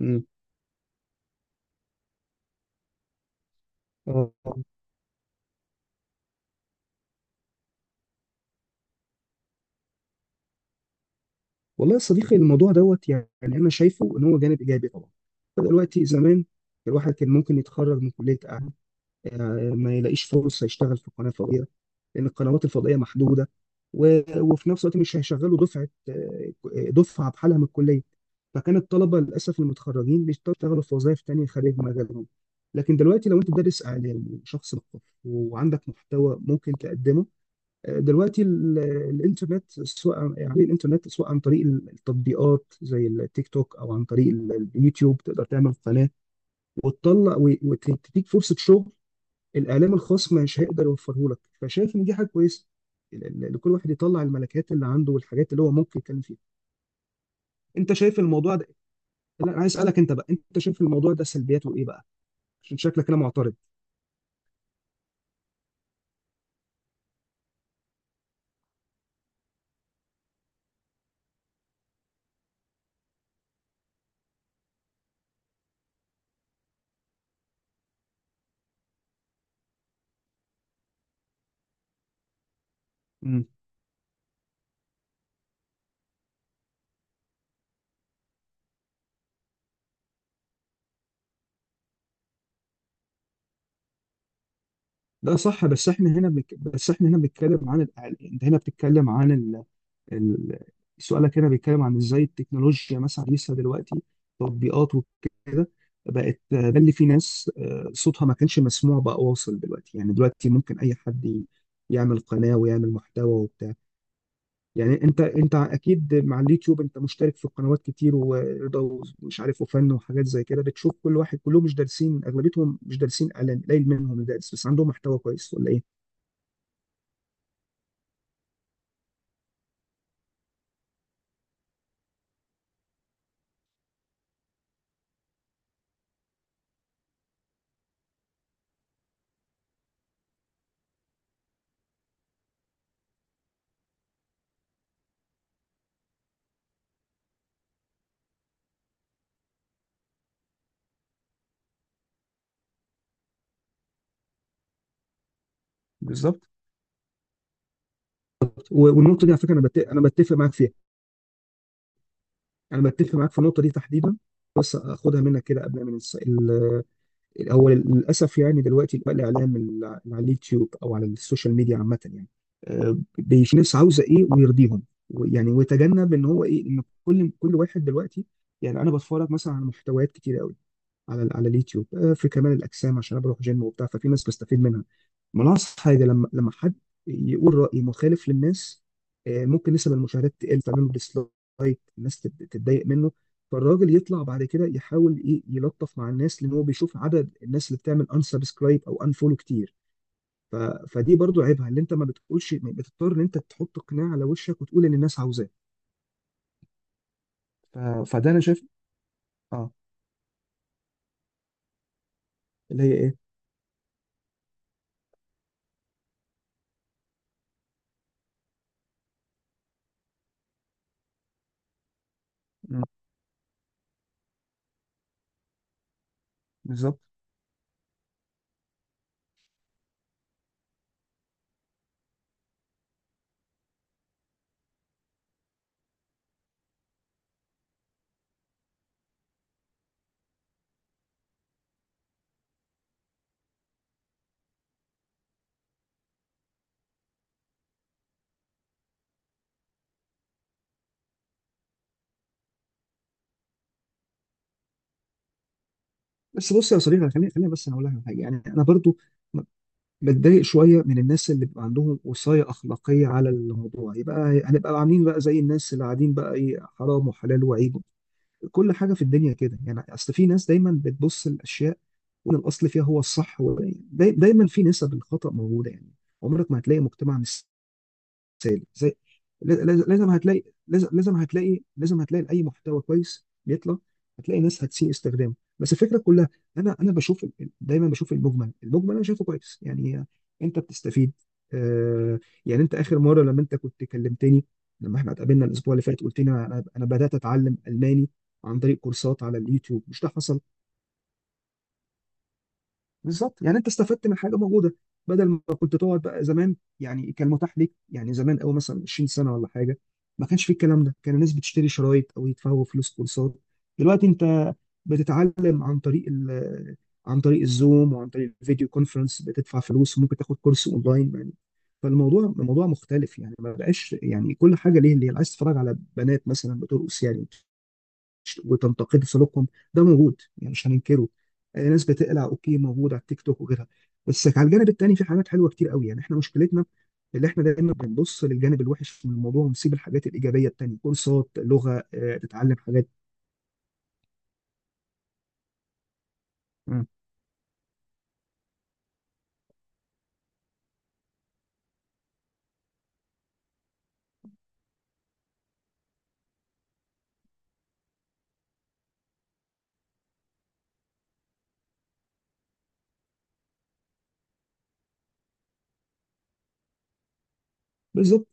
مم. آه. والله يا صديقي، الموضوع دوت يعني انا شايفه ان هو جانب ايجابي طبعا. دلوقتي زمان الواحد كان ممكن يتخرج من كليه اعلام، ما يلاقيش فرصه يشتغل في قناه فضائيه، لان القنوات الفضائيه محدوده. و... وفي نفس الوقت مش هيشغلوا دفعه، دفعه بحالها من الكليه. فكان الطلبه للاسف المتخرجين يشتغلوا في وظائف تانيه خارج مجالهم. لكن دلوقتي لو انت دارس اعلام وشخص مثقف وعندك محتوى ممكن تقدمه، دلوقتي الانترنت سواء عن طريق التطبيقات زي التيك توك او عن طريق اليوتيوب تقدر تعمل قناه وتطلع و- وتديك فرصه شغل. الاعلام الخاص مش هيقدر يوفره لك، فشايف ان دي حاجه كويسه، لكل واحد يطلع الملكات اللي عنده والحاجات اللي هو ممكن يتكلم فيها. انت شايف الموضوع ده؟ لا، انا عايز اسالك انت بقى، انت شايف الموضوع ده سلبياته ايه بقى؟ عشان شكلك كده معترض. امم. ده صح، بس احنا هنا بنتكلم عن الاعلام، انت هنا بتتكلم عن ال- سؤالك هنا بيتكلم عن ازاي التكنولوجيا مثلا لسه دلوقتي تطبيقات وكده بقت، ده اللي في ناس صوتها ما كانش مسموع بقى واصل دلوقتي، يعني دلوقتي ممكن اي حد يعمل قناة ويعمل محتوى وبتاع. يعني انت اكيد مع اليوتيوب انت مشترك في قنوات كتير، ورضا ومش عارف وفن وحاجات زي كده، بتشوف كل واحد، كلهم مش دارسين، اغلبيتهم مش دارسين اعلان، قليل منهم اللي دارس، بس عندهم محتوى كويس ولا ايه؟ بالظبط. و- والنقطة دي على فكرة انا بتفق معاك فيها. انا بتفق معاك في النقطه دي تحديدا. بس اخدها منك كده قبل من هو للاسف يعني دلوقتي بقى الاعلام على اليوتيوب او على السوشيال ميديا عامه يعني، بيش ناس عاوزه ايه ويرضيهم، يعني ويتجنب ان هو ايه ان كل واحد دلوقتي، يعني انا بتفرج مثلا على محتويات كتير قوي على على اليوتيوب، في كمال الاجسام عشان انا بروح جيم وبتاع، ففي ناس بستفيد منها. ما انا أقصد حاجه، لما حد يقول راي مخالف للناس، ممكن نسب المشاهدات تقل، تعمل له ديسلايك، الناس تتضايق منه، فالراجل يطلع بعد كده يحاول ايه، يلطف مع الناس، لان هو بيشوف عدد الناس اللي بتعمل انسبسكرايب او انفولو كتير. ف... فدي برضو عيبها اللي انت ما بتقولش، بتضطر ان انت تحط قناع على وشك وتقول ان الناس عاوزاه. ف... فده انا شايف. اه، اللي هي ايه؟ مم. بالظبط. بس بص يا صديقي، خليني بس انا اقول لك على حاجه، يعني انا برضو بتضايق شويه من الناس اللي بيبقى عندهم وصايه اخلاقيه على الموضوع، يبقى هنبقى عاملين بقى زي الناس اللي قاعدين بقى ايه حرام وحلال وعيب كل حاجه في الدنيا كده، يعني اصل في ناس دايما بتبص الاشياء وان الاصل فيها هو الصح دايما في نسب الخطا موجوده يعني، عمرك ما هتلاقي مجتمع سالي زي لازم هتلاقي، لازم هتلاقي اي محتوى كويس بيطلع، هتلاقي ناس هتسيء استخدامه، بس الفكره كلها، انا بشوف دايما بشوف المجمل، انا شايفه كويس يعني. انت بتستفيد. آه. يعني انت، اخر مره لما كنت كلمتني لما احنا اتقابلنا الاسبوع اللي فات، قلت لي انا بدات اتعلم الماني عن طريق كورسات على اليوتيوب، مش ده حصل؟ بالظبط، يعني انت استفدت من حاجه موجوده، بدل ما كنت تقعد بقى زمان، يعني كان متاح ليك، يعني زمان قوي مثلا 20 سنه ولا حاجه، ما كانش في الكلام ده، كان الناس بتشتري شرايط او يدفعوا فلوس كورسات. دلوقتي انت بتتعلم عن طريق عن طريق الزوم وعن طريق الفيديو كونفرنس، بتدفع فلوس وممكن تاخد كورس اونلاين يعني. فالموضوع، الموضوع مختلف يعني، ما بقاش يعني كل حاجه ليه. اللي عايز تتفرج على بنات مثلا بترقص يعني وتنتقدوا سلوكهم، ده موجود يعني، مش هننكره. ناس بتقلع، اوكي موجود على التيك توك وغيرها، بس على الجانب التاني في حاجات حلوه كتير قوي، يعني احنا مشكلتنا اللي احنا دايما بنبص للجانب الوحش من الموضوع ونسيب الحاجات الايجابيه التانيه، كورسات لغه، تتعلم حاجات. مم. بالظبط.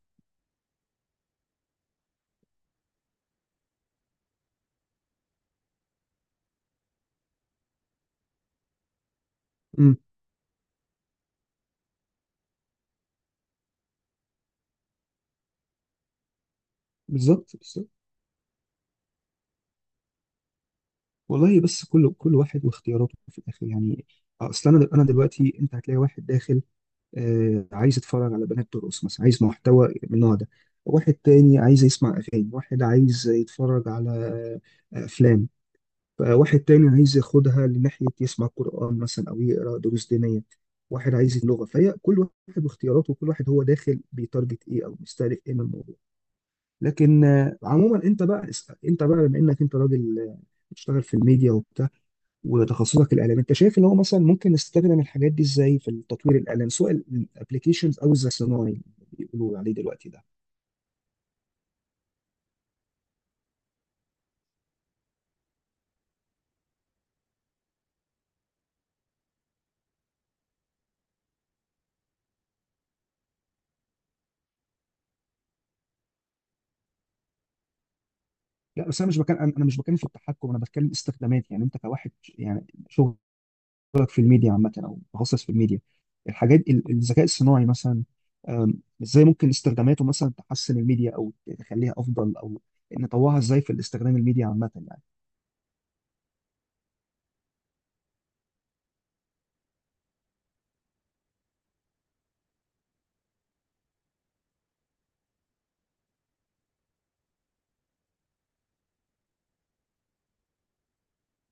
امم. بالظبط، بالظبط. والله بس كل واحد واختياراته في الاخر يعني، اصل انا، دلوقتي انت هتلاقي واحد داخل، عايز يتفرج على بنات ترقص مثلا، عايز محتوى من النوع ده. واحد تاني عايز يسمع أغاني، واحد عايز يتفرج على، أفلام. واحد تاني عايز ياخدها لناحية يسمع قرآن مثلا أو يقرأ دروس دينية. واحد عايز اللغة، فهي كل واحد واختياراته، وكل واحد هو داخل بيتارجت إيه أو بيستهدف إيه من الموضوع. لكن عموما أنت بقى اسأل، أنت بقى بما إنك أنت راجل بتشتغل في الميديا وتخصصك الاعلام، انت شايف ان هو مثلا ممكن نستخدم الحاجات دي ازاي في التطوير الاعلام، سواء الابلكيشنز او الذكاء الصناعي اللي بيقولوا عليه دلوقتي ده؟ لا بس انا مش بتكلم، في التحكم، انا بتكلم استخدامات. يعني انت كواحد، يعني شغلك في الميديا عامه او متخصص في الميديا، الحاجات الذكاء الصناعي مثلا، أم، ازاي ممكن استخداماته مثلا تحسن الميديا او تخليها افضل او نطوعها ازاي في الاستخدام الميديا عامه يعني.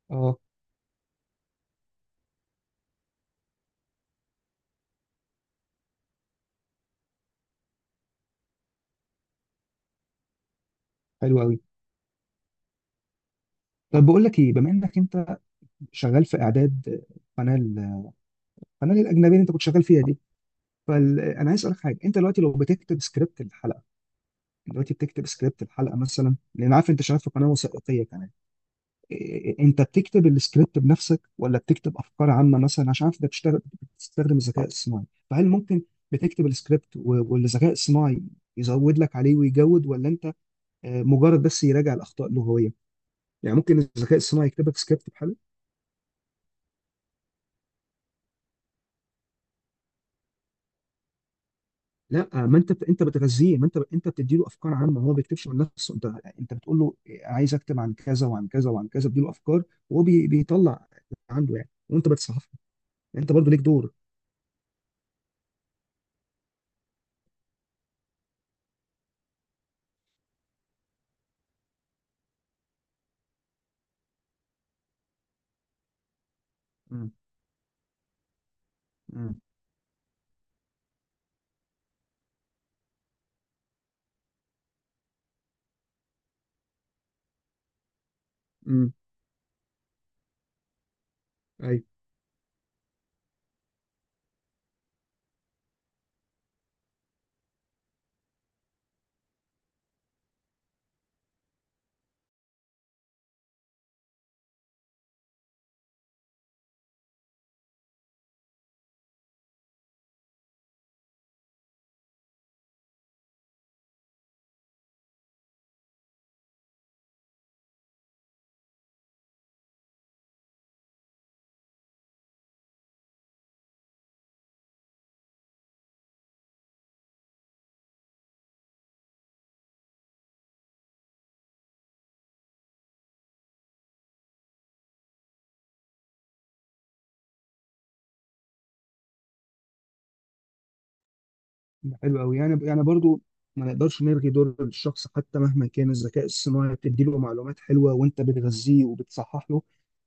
اه، حلو قوي. طب بقول لك ايه، بما انك انت شغال في اعداد قناه، القناه الاجنبيه اللي انت كنت شغال فيها دي، فانا عايز اسالك حاجه، انت دلوقتي لو بتكتب سكريبت الحلقه، دلوقتي بتكتب سكريبت الحلقه مثلا، لان عارف انت شغال في قناه وثائقيه كمان، انت بتكتب السكريبت بنفسك ولا بتكتب افكار عامه مثلا، عشان عارف انت بتشتغل بتستخدم الذكاء الصناعي، فهل ممكن بتكتب السكريبت و- والذكاء الصناعي يزود لك عليه ويجود، ولا انت مجرد بس يراجع الاخطاء اللغويه؟ يعني ممكن الذكاء الصناعي يكتب لك سكريبت بحاله؟ لا، ما انت بتغذيه، ما انت بتدي له افكار عامه، هو ما بيكتبش من نفسه، انت انت بتقول له عايز اكتب عن كذا وعن كذا وعن كذا، بتدي له افكار، وهو بيطلع عنده يعني، وانت بتصحح له. انت برضو ليك دور. مم. مم. امم. ايوه. حلو قوي. يعني، برضو ما نقدرش نلغي دور الشخص، حتى مهما كان الذكاء الصناعي بتدي له معلومات حلوه وانت بتغذيه وبتصحح له،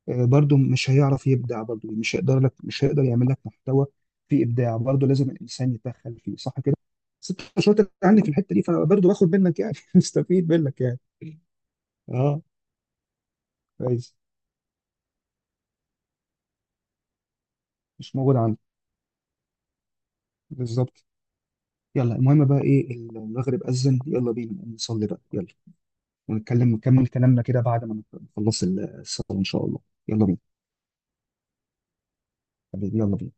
برضو مش هيعرف يبدع، برضو مش هيقدر لك، مش هيقدر يعمل لك محتوى فيه ابداع، برضو لازم الانسان يتدخل فيه، صح كده؟ بس انت شاطر عني في الحته دي، فبرضو باخد منك يعني مستفيد منك يعني. اه، كويس. مش موجود عندي. بالظبط. يلا، المهم بقى ايه، المغرب أذن، يلا بينا نقوم نصلي بقى، يلا، ونتكلم نكمل كلامنا كده بعد ما نخلص الصلاة إن شاء الله. يلا بينا. حبيبي، يلا بينا.